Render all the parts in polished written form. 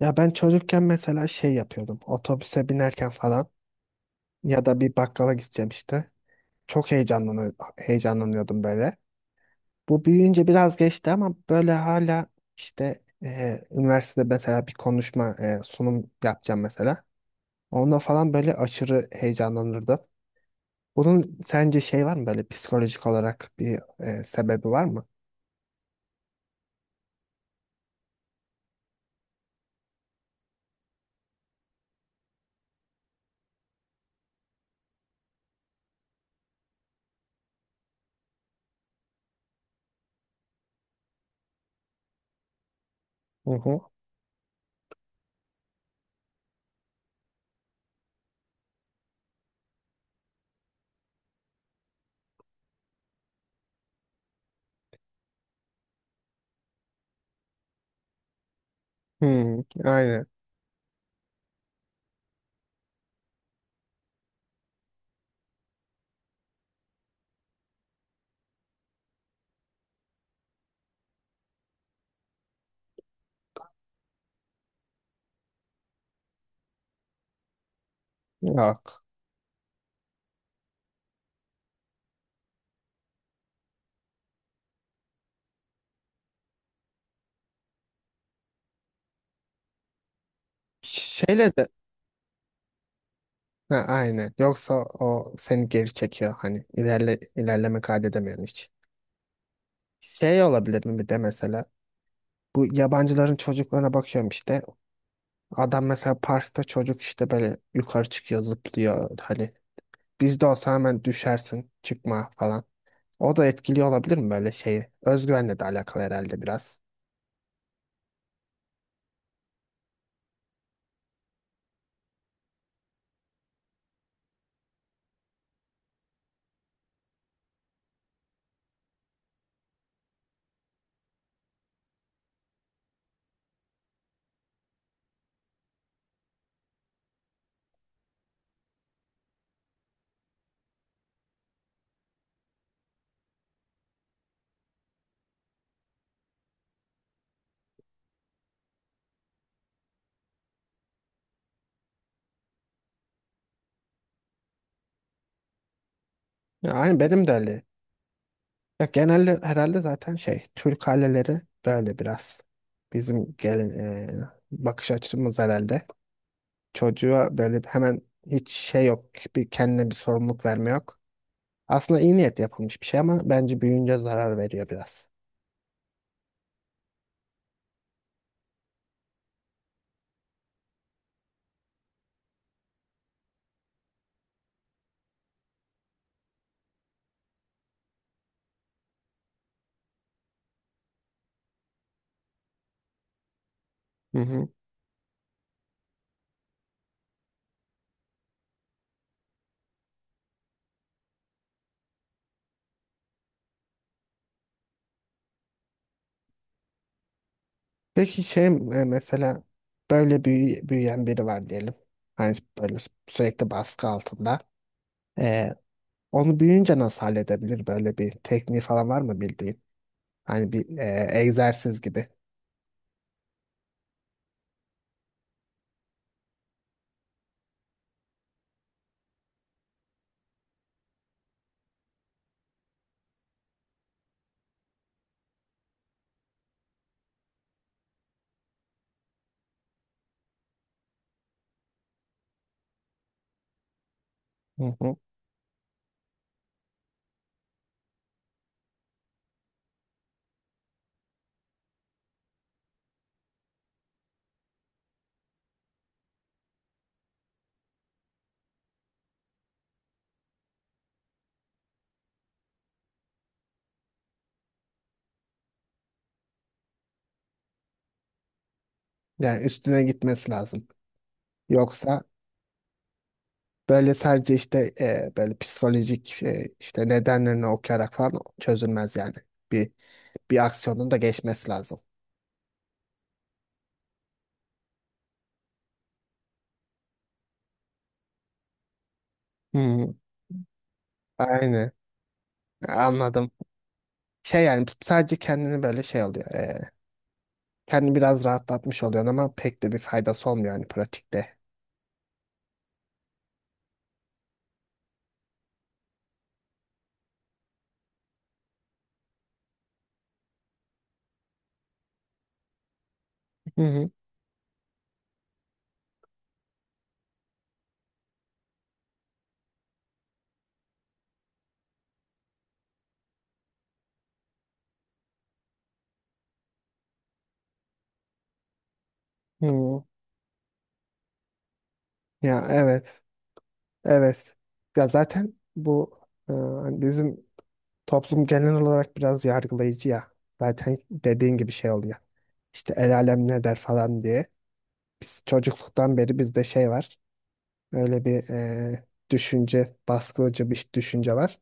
Ya ben çocukken mesela şey yapıyordum. Otobüse binerken falan ya da bir bakkala gideceğim işte. Çok heyecanlanıyordum böyle. Bu büyüyünce biraz geçti ama böyle hala işte üniversitede mesela bir konuşma sunum yapacağım mesela. Onda falan böyle aşırı heyecanlanırdım. Bunun sence şey var mı böyle psikolojik olarak bir sebebi var mı? Hı hı. Hmm, aynen. Yok. Şeyle de ha, aynen. Yoksa o seni geri çekiyor hani ilerleme kaydedemiyorsun hiç. Şey olabilir mi bir de mesela bu yabancıların çocuklarına bakıyorum işte adam mesela parkta çocuk işte böyle yukarı çıkıyor zıplıyor hani bizde olsa hemen düşersin çıkma falan. O da etkili olabilir mi böyle şeyi? Özgüvenle de alakalı herhalde biraz. Ya, aynen benim de öyle. Ya, genelde herhalde zaten şey Türk aileleri böyle biraz bizim gelin e, bakış açımız herhalde. Çocuğa böyle hemen hiç şey yok bir kendine bir sorumluluk verme yok. Aslında iyi niyet yapılmış bir şey ama bence büyüyünce zarar veriyor biraz. Hı hı. Peki şey mesela böyle büyüyen biri var diyelim. Hani böyle sürekli baskı altında. E, Onu büyüyünce nasıl halledebilir? Böyle bir tekniği falan var mı bildiğin? Hani bir egzersiz gibi. Hı hı. Yani üstüne gitmesi lazım. Yoksa böyle sadece işte böyle psikolojik işte nedenlerini okuyarak falan çözülmez yani. Bir Bir aksiyonun da geçmesi lazım. Hmm, aynen. Anladım. Şey yani sadece kendini böyle şey oluyor. Kendini biraz rahatlatmış oluyorsun ama pek de bir faydası olmuyor yani pratikte. Hı hı. Hı. Ya evet. Evet. Ya zaten bu e, bizim toplum genel olarak biraz yargılayıcı ya. Zaten dediğin gibi şey oluyor. İşte el alem ne der falan diye. Biz çocukluktan beri bizde şey var. Öyle bir düşünce, baskıcı bir düşünce var.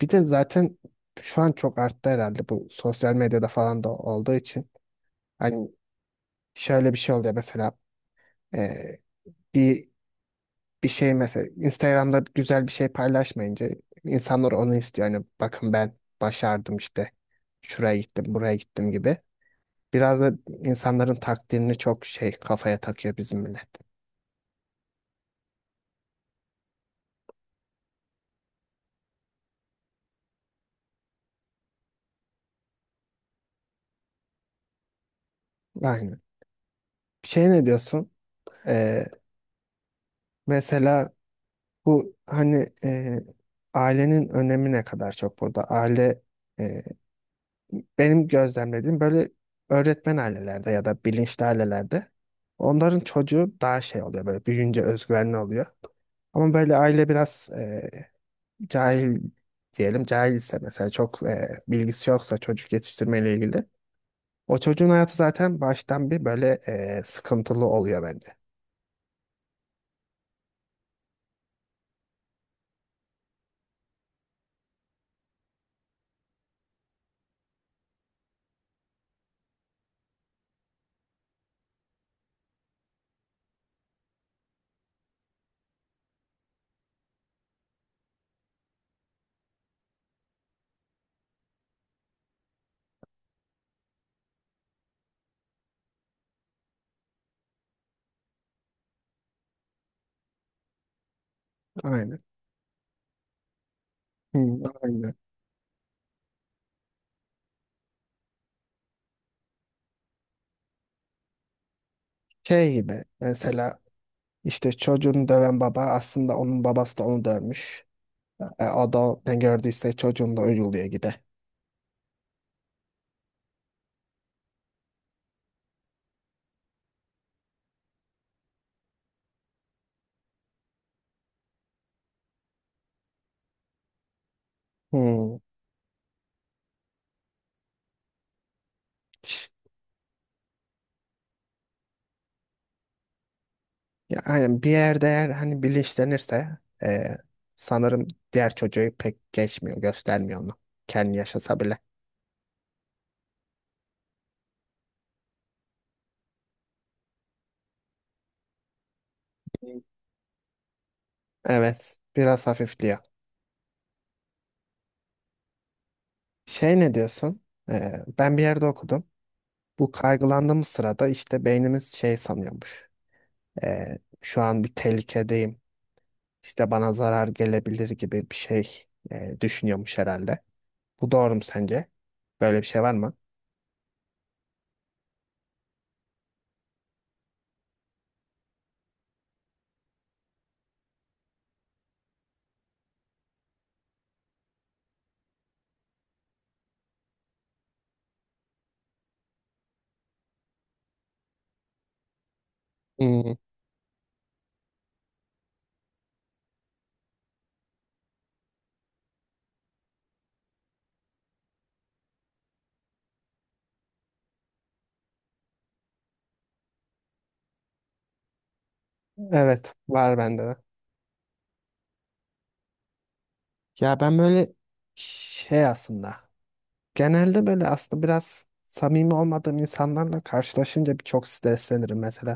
Bir de zaten şu an çok arttı herhalde bu sosyal medyada falan da olduğu için. Hani şöyle bir şey oluyor mesela e, bir bir şey mesela Instagram'da güzel bir şey paylaşmayınca insanlar onu istiyor. Hani bakın ben başardım işte. Şuraya gittim, buraya gittim gibi. Biraz da insanların takdirini çok şey kafaya takıyor bizim millet. Aynen. Şey ne diyorsun? Ee, mesela bu hani ailenin önemi ne kadar çok burada? Aile e, benim gözlemlediğim böyle öğretmen ailelerde ya da bilinçli ailelerde onların çocuğu daha şey oluyor böyle büyüyünce özgüvenli oluyor. Ama böyle aile biraz cahil diyelim cahil ise mesela çok bilgisi yoksa çocuk yetiştirmeyle ilgili o çocuğun hayatı zaten baştan bir böyle sıkıntılı oluyor bence. Aynen. Hı, aynen. Şey gibi mesela işte çocuğunu döven baba aslında onun babası da onu dövmüş. E, adam ne gördüyse çocuğun da uyguluyor gide. Hmm. Ya, aynen bir yerde eğer hani bilinçlenirse sanırım diğer çocuğu pek geçmiyor, göstermiyor onu. Kendi yaşasa bile. Evet, biraz hafifliyor. Şey ne diyorsun? E, ben bir yerde okudum. Bu kaygılandığımız sırada işte beynimiz şey sanıyormuş. Şu an bir tehlikedeyim. İşte bana zarar gelebilir gibi bir şey düşünüyormuş herhalde. Bu doğru mu sence? Böyle bir şey var mı? Hmm, evet var bende de. Ya ben böyle şey aslında genelde böyle aslında biraz samimi olmadığım insanlarla karşılaşınca bir çok streslenirim mesela.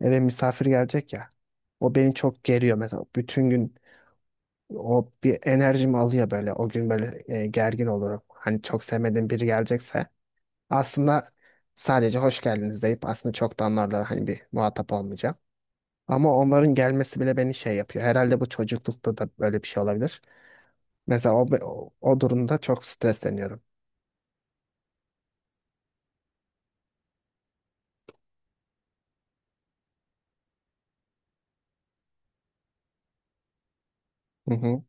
Eve misafir gelecek ya. O beni çok geriyor mesela. Bütün gün o bir enerjimi alıyor böyle. O gün böyle gergin olurum. Hani çok sevmediğim biri gelecekse aslında sadece hoş geldiniz deyip aslında çok da onlarla hani bir muhatap olmayacağım. Ama onların gelmesi bile beni şey yapıyor. Herhalde bu çocuklukta da böyle bir şey olabilir. Mesela o durumda çok stresleniyorum. Hı hı.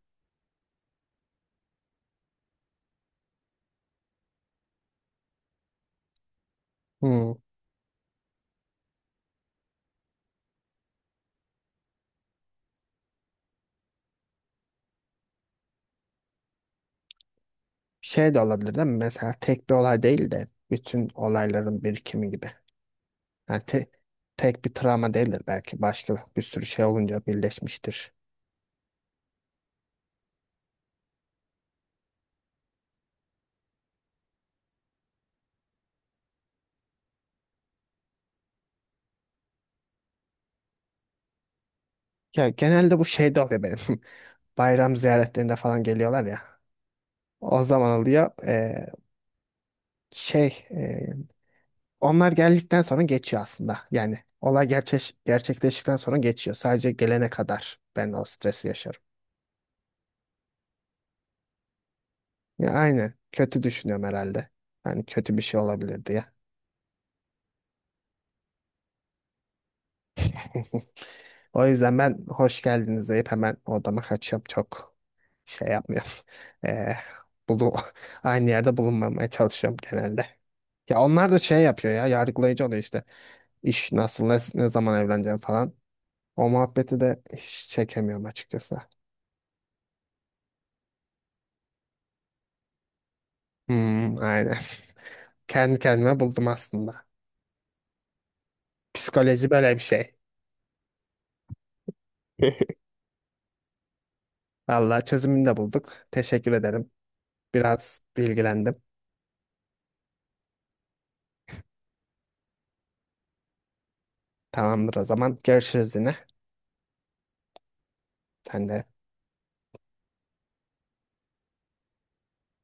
Hı. Şey de olabilir değil mi? Mesela tek bir olay değil de bütün olayların birikimi gibi. Yani tek bir travma değildir belki. Başka bir sürü şey olunca birleşmiştir. Ya genelde bu şey de oluyor benim. Bayram ziyaretlerinde falan geliyorlar ya. O zaman oluyor. Şey onlar geldikten sonra geçiyor aslında. Yani olay gerçekleştikten sonra geçiyor. Sadece gelene kadar ben o stresi yaşarım. Ya aynen. Kötü düşünüyorum herhalde. Hani kötü bir şey olabilir diye. O yüzden ben hoş geldiniz deyip hemen odama kaçıyorum. Çok şey yapmıyorum. Eee bulu aynı yerde bulunmamaya çalışıyorum genelde. Ya onlar da şey yapıyor ya yargılayıcı oluyor işte. İş nasıl ne zaman evleneceğim falan. O muhabbeti de hiç çekemiyorum açıkçası. Hmm, aynen. Kendi kendime buldum aslında. Psikoloji böyle bir şey. Vallahi çözümünü de bulduk. Teşekkür ederim. Biraz bilgilendim. Tamamdır o zaman. Görüşürüz yine. Sen de